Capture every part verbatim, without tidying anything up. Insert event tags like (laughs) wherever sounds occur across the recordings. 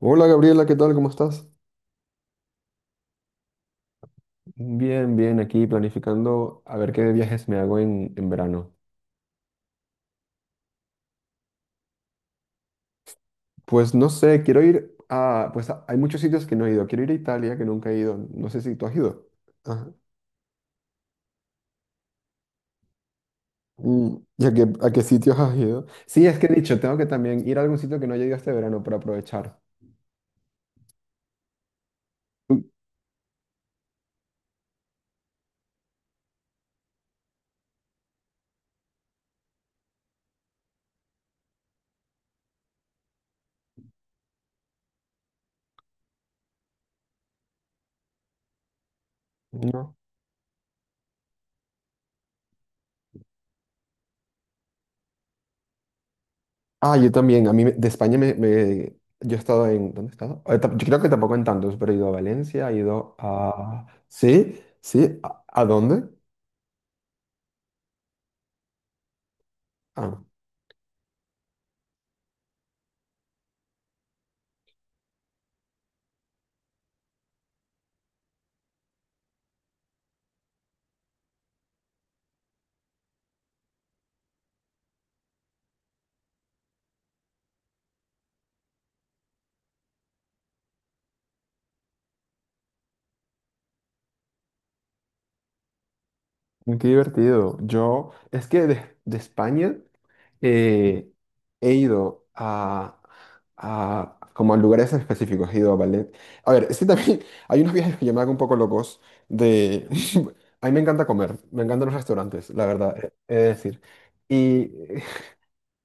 Hola Gabriela, ¿qué tal? ¿Cómo estás? Bien, bien, aquí planificando a ver qué viajes me hago en, en verano. Pues no sé, quiero ir a... Pues a- hay muchos sitios que no he ido. Quiero ir a Italia, que nunca he ido. No sé si tú has ido. Ajá. Mm, ¿Y a qué, a qué sitios has ido? Sí, es que he dicho, tengo que también ir a algún sitio que no haya ido este verano para aprovechar. Uy. No. Ah, yo también. A mí me- de España me, me- Yo he estado en... ¿Dónde he estado? Eh, tam- Yo creo que tampoco en tantos, pero he ido a Valencia, he ido a... ¿Sí? ¿Sí? ¿A, a dónde? Ah. Uy, qué divertido. Yo, es que de, de España eh, he ido a, a- como a lugares específicos, he ido a ballet. A ver, es que también (laughs) hay unos viajes que yo me hago un poco locos de... (laughs) A mí me encanta comer, me encantan los restaurantes, la verdad, he he de decir. Y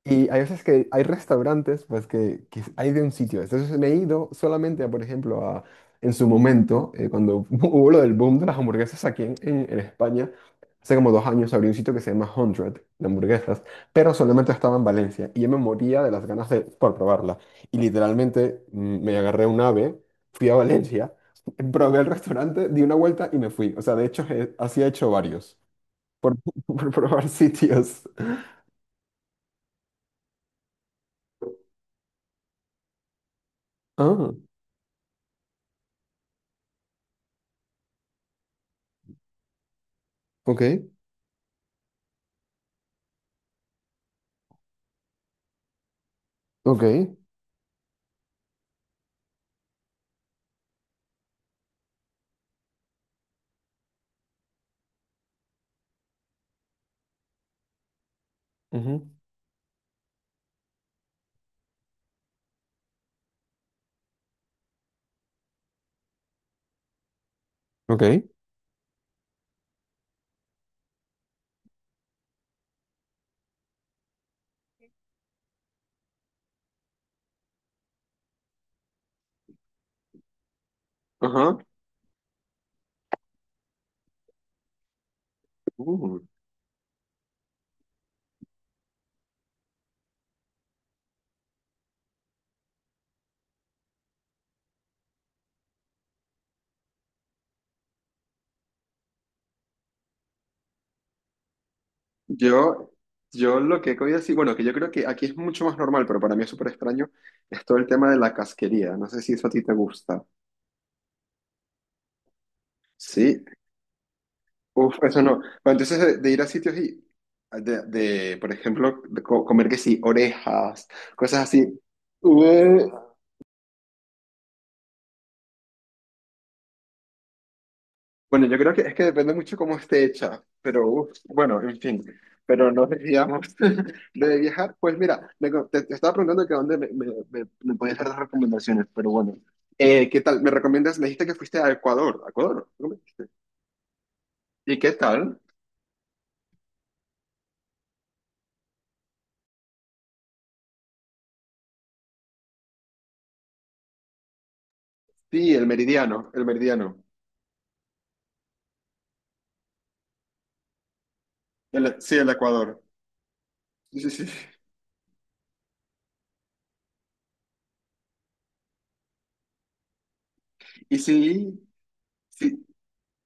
y hay veces que hay restaurantes, pues que, que hay de un sitio. Entonces me he ido solamente, a, por ejemplo, a, en su momento, eh, cuando (laughs) hubo lo del boom de las hamburguesas aquí en, en- en España, hace como dos años abrí un sitio que se llama Hundred de hamburguesas, pero solamente estaba en Valencia y yo me moría de las ganas de, por probarla. Y literalmente mm, me agarré un ave, fui a Valencia, (laughs) probé el restaurante, di una vuelta y me fui. O sea, de hecho, eh, así he hecho varios, por, (laughs) por probar sitios. Ah, ok, ok. Ujú. Ok. Ajá. Uh. Yo, yo lo que he comido así, bueno, que yo creo que aquí es mucho más normal, pero para mí es súper extraño, es todo el tema de la casquería. No sé si eso a ti te gusta. Sí. Uf, eso no. Bueno, entonces de, de ir a sitios y de, de, por ejemplo, de co- comer que sí, orejas, cosas así. Bueno, yo creo que es que depende mucho cómo esté hecha, pero uf, bueno, en fin, pero no desviamos (laughs) de viajar. Pues mira, me co- te, te estaba preguntando que dónde me, me, me, me podías dar las recomendaciones, pero bueno, Eh, ¿qué tal? ¿Me recomiendas? Me dijiste que fuiste a Ecuador, ¿a Ecuador? ¿Y qué tal? Sí, el meridiano, el meridiano. El- sí, el Ecuador. Sí, sí, sí. Y sí, sí,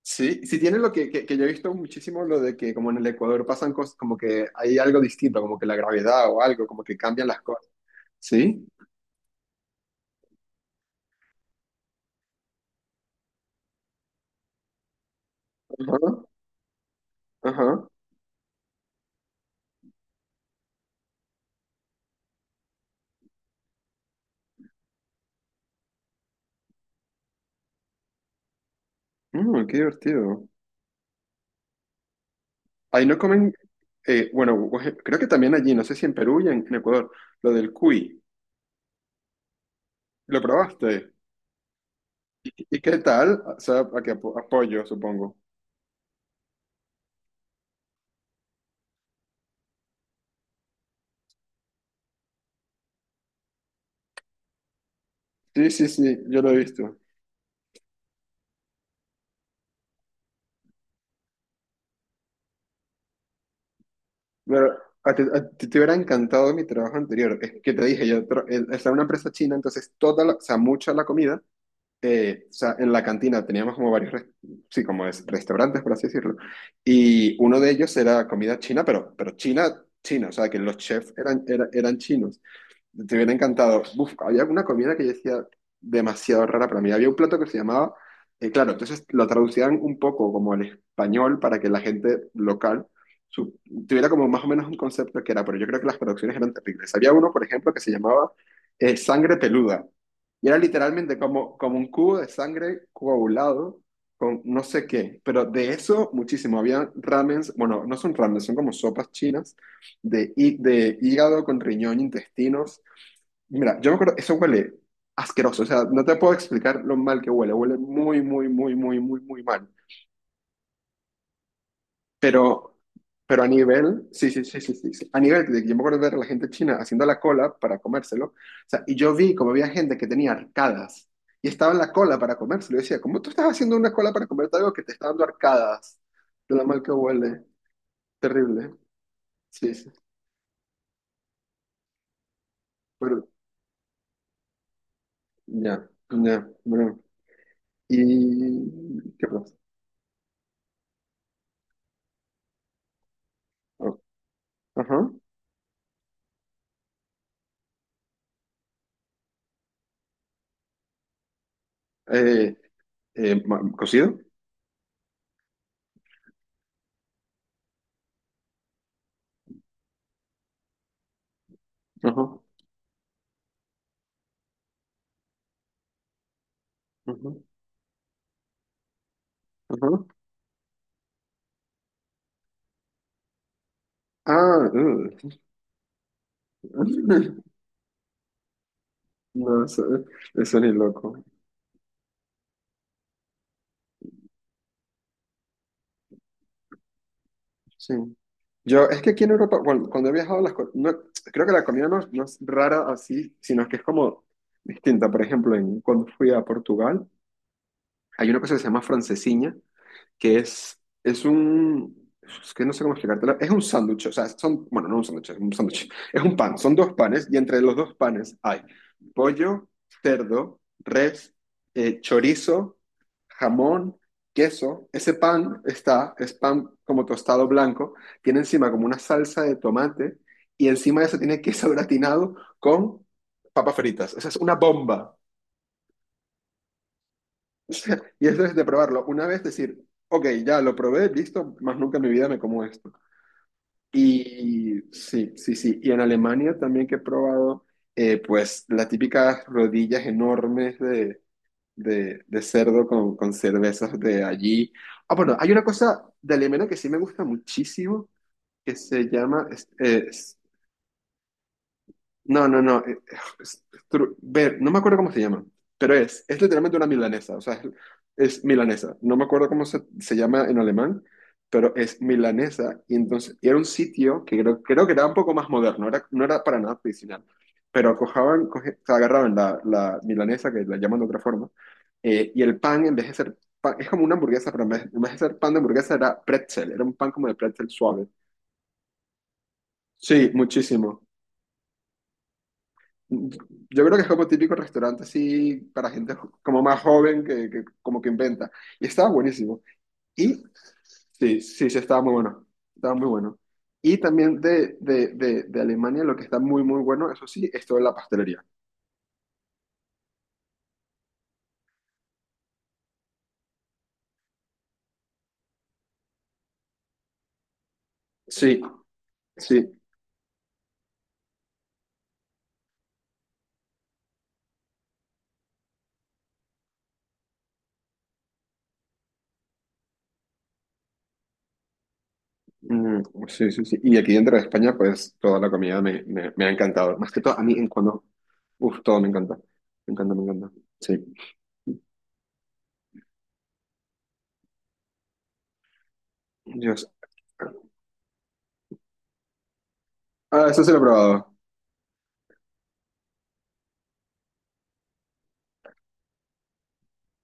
sí, sí tiene lo que, que, que yo he visto muchísimo, lo de que como en el Ecuador pasan cosas, como que hay algo distinto, como que la gravedad o algo, como que cambian las cosas. Sí, ajá, ajá. Mm, qué divertido. Ahí no comen, eh, bueno, oje- creo que también allí, no sé si en Perú y en, en Ecuador, lo del cuy. ¿Lo probaste? ¿Y qué tal? O sea, a que apo- apoyo, supongo. Sí, sí, sí, yo lo he visto. Pero a ti, a ti te hubiera encantado mi trabajo anterior. Es que te dije, yo tra- el- estaba en una empresa china, entonces toda la, o sea, mucha la comida eh, o sea, en la cantina teníamos como varios, res- sí, como es, restaurantes, por así decirlo, y uno de ellos era comida china, pero, pero china, china, o sea, que los chefs eran, era- eran chinos. Te hubiera encantado. Uf, había una comida que yo decía demasiado rara para mí. Había un plato que se llamaba, eh, claro, entonces lo traducían un poco como al español para que la gente local su- tuviera como más o menos un concepto que era, pero yo creo que las traducciones eran terribles. Había uno, por ejemplo, que se llamaba eh, sangre peluda. Y era literalmente como, como un cubo de sangre coagulado con no sé qué. Pero de eso muchísimo. Había ramens, bueno, no son ramens, son como sopas chinas de, hí- de hígado con riñón, intestinos. Mira, yo me acuerdo, eso huele asqueroso, o sea, no te puedo explicar lo mal que huele, huele muy, muy, muy, muy, muy, muy mal. Pero, pero a nivel, sí, sí, sí, sí, sí, sí, a nivel de que yo me acuerdo de ver a la gente china haciendo la cola para comérselo, o sea, y yo vi como había gente que tenía arcadas y estaba en la cola para comérselo, y decía, ¿cómo tú estás haciendo una cola para comerte algo que te está dando arcadas? De lo mal que huele, terrible, sí, sí, pero ya, ya, bueno. ¿Y qué pasa? Oh. Ajá. Eh. Eh, ma- ¿cocido? Ajá, ajá, ajá. Ah, ugh. (laughs) No, eso, eso ni loco. Sí. Yo, es que aquí en Europa, cuando, cuando he viajado, las, co- no, creo que la comida no, no es rara así, sino que es como distinta. Por ejemplo, en, cuando fui a Portugal, hay una cosa que se llama francesiña, que es, es un, es que no sé cómo explicártelo, es un sándwich, o sea, son, bueno, no un sándwich, es un sándwich, (laughs) es un pan, son dos panes y entre los dos panes hay pollo, cerdo, res, eh, chorizo, jamón, queso. Ese pan está, es pan como tostado blanco, tiene encima como una salsa de tomate y encima de eso tiene queso gratinado con papas fritas. Esa es una bomba. (laughs) Y eso es de probarlo. Una vez decir, ok, ya lo probé, listo, más nunca en mi vida me como esto. Y sí, sí, sí. Y en Alemania también que he probado, eh, pues las típicas rodillas enormes de, de, de cerdo con, con cervezas de allí. Ah, bueno, hay una cosa de Alemania que sí me gusta muchísimo, que se llama... No, no, no. Eh, es tru- ver, no me acuerdo cómo se llama, pero es, es literalmente una milanesa, o sea, es, es milanesa. No me acuerdo cómo se, se llama en alemán, pero es milanesa. Y entonces y era un sitio que creo, creo que era un poco más moderno, era, no era para nada tradicional, pero cojaban, coge- o sea, agarraban la, la milanesa, que la llaman de otra forma, eh, y el pan, en vez de ser pan, es como una hamburguesa, pero en vez, en vez de ser pan de hamburguesa era pretzel, era un pan como de pretzel suave. Sí, muchísimo. Yo creo que es como típico restaurante así para gente jo- como más joven que, que como que inventa. Y estaba buenísimo. Y sí, sí, sí, estaba muy bueno. Estaba muy bueno. Y también de, de, de, de Alemania lo que está muy, muy bueno, eso sí, es toda la pastelería. Sí, sí. Mm, sí, sí, sí. Y aquí dentro de España, pues toda la comida me, me, me ha encantado. Más que todo, a mí en cuando... Uf, todo me encanta. Me encanta, me encanta. Sí. Dios. Ah, eso se lo he probado.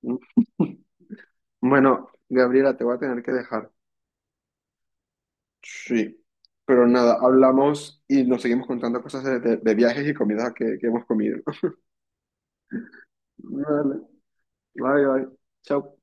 (laughs) Mm. Bueno, Gabriela, te voy a tener que dejar. Sí. Pero nada, hablamos y nos seguimos contando cosas de, de- de viajes y comidas que, que hemos comido. (laughs) Vale, bye, bye. Chao.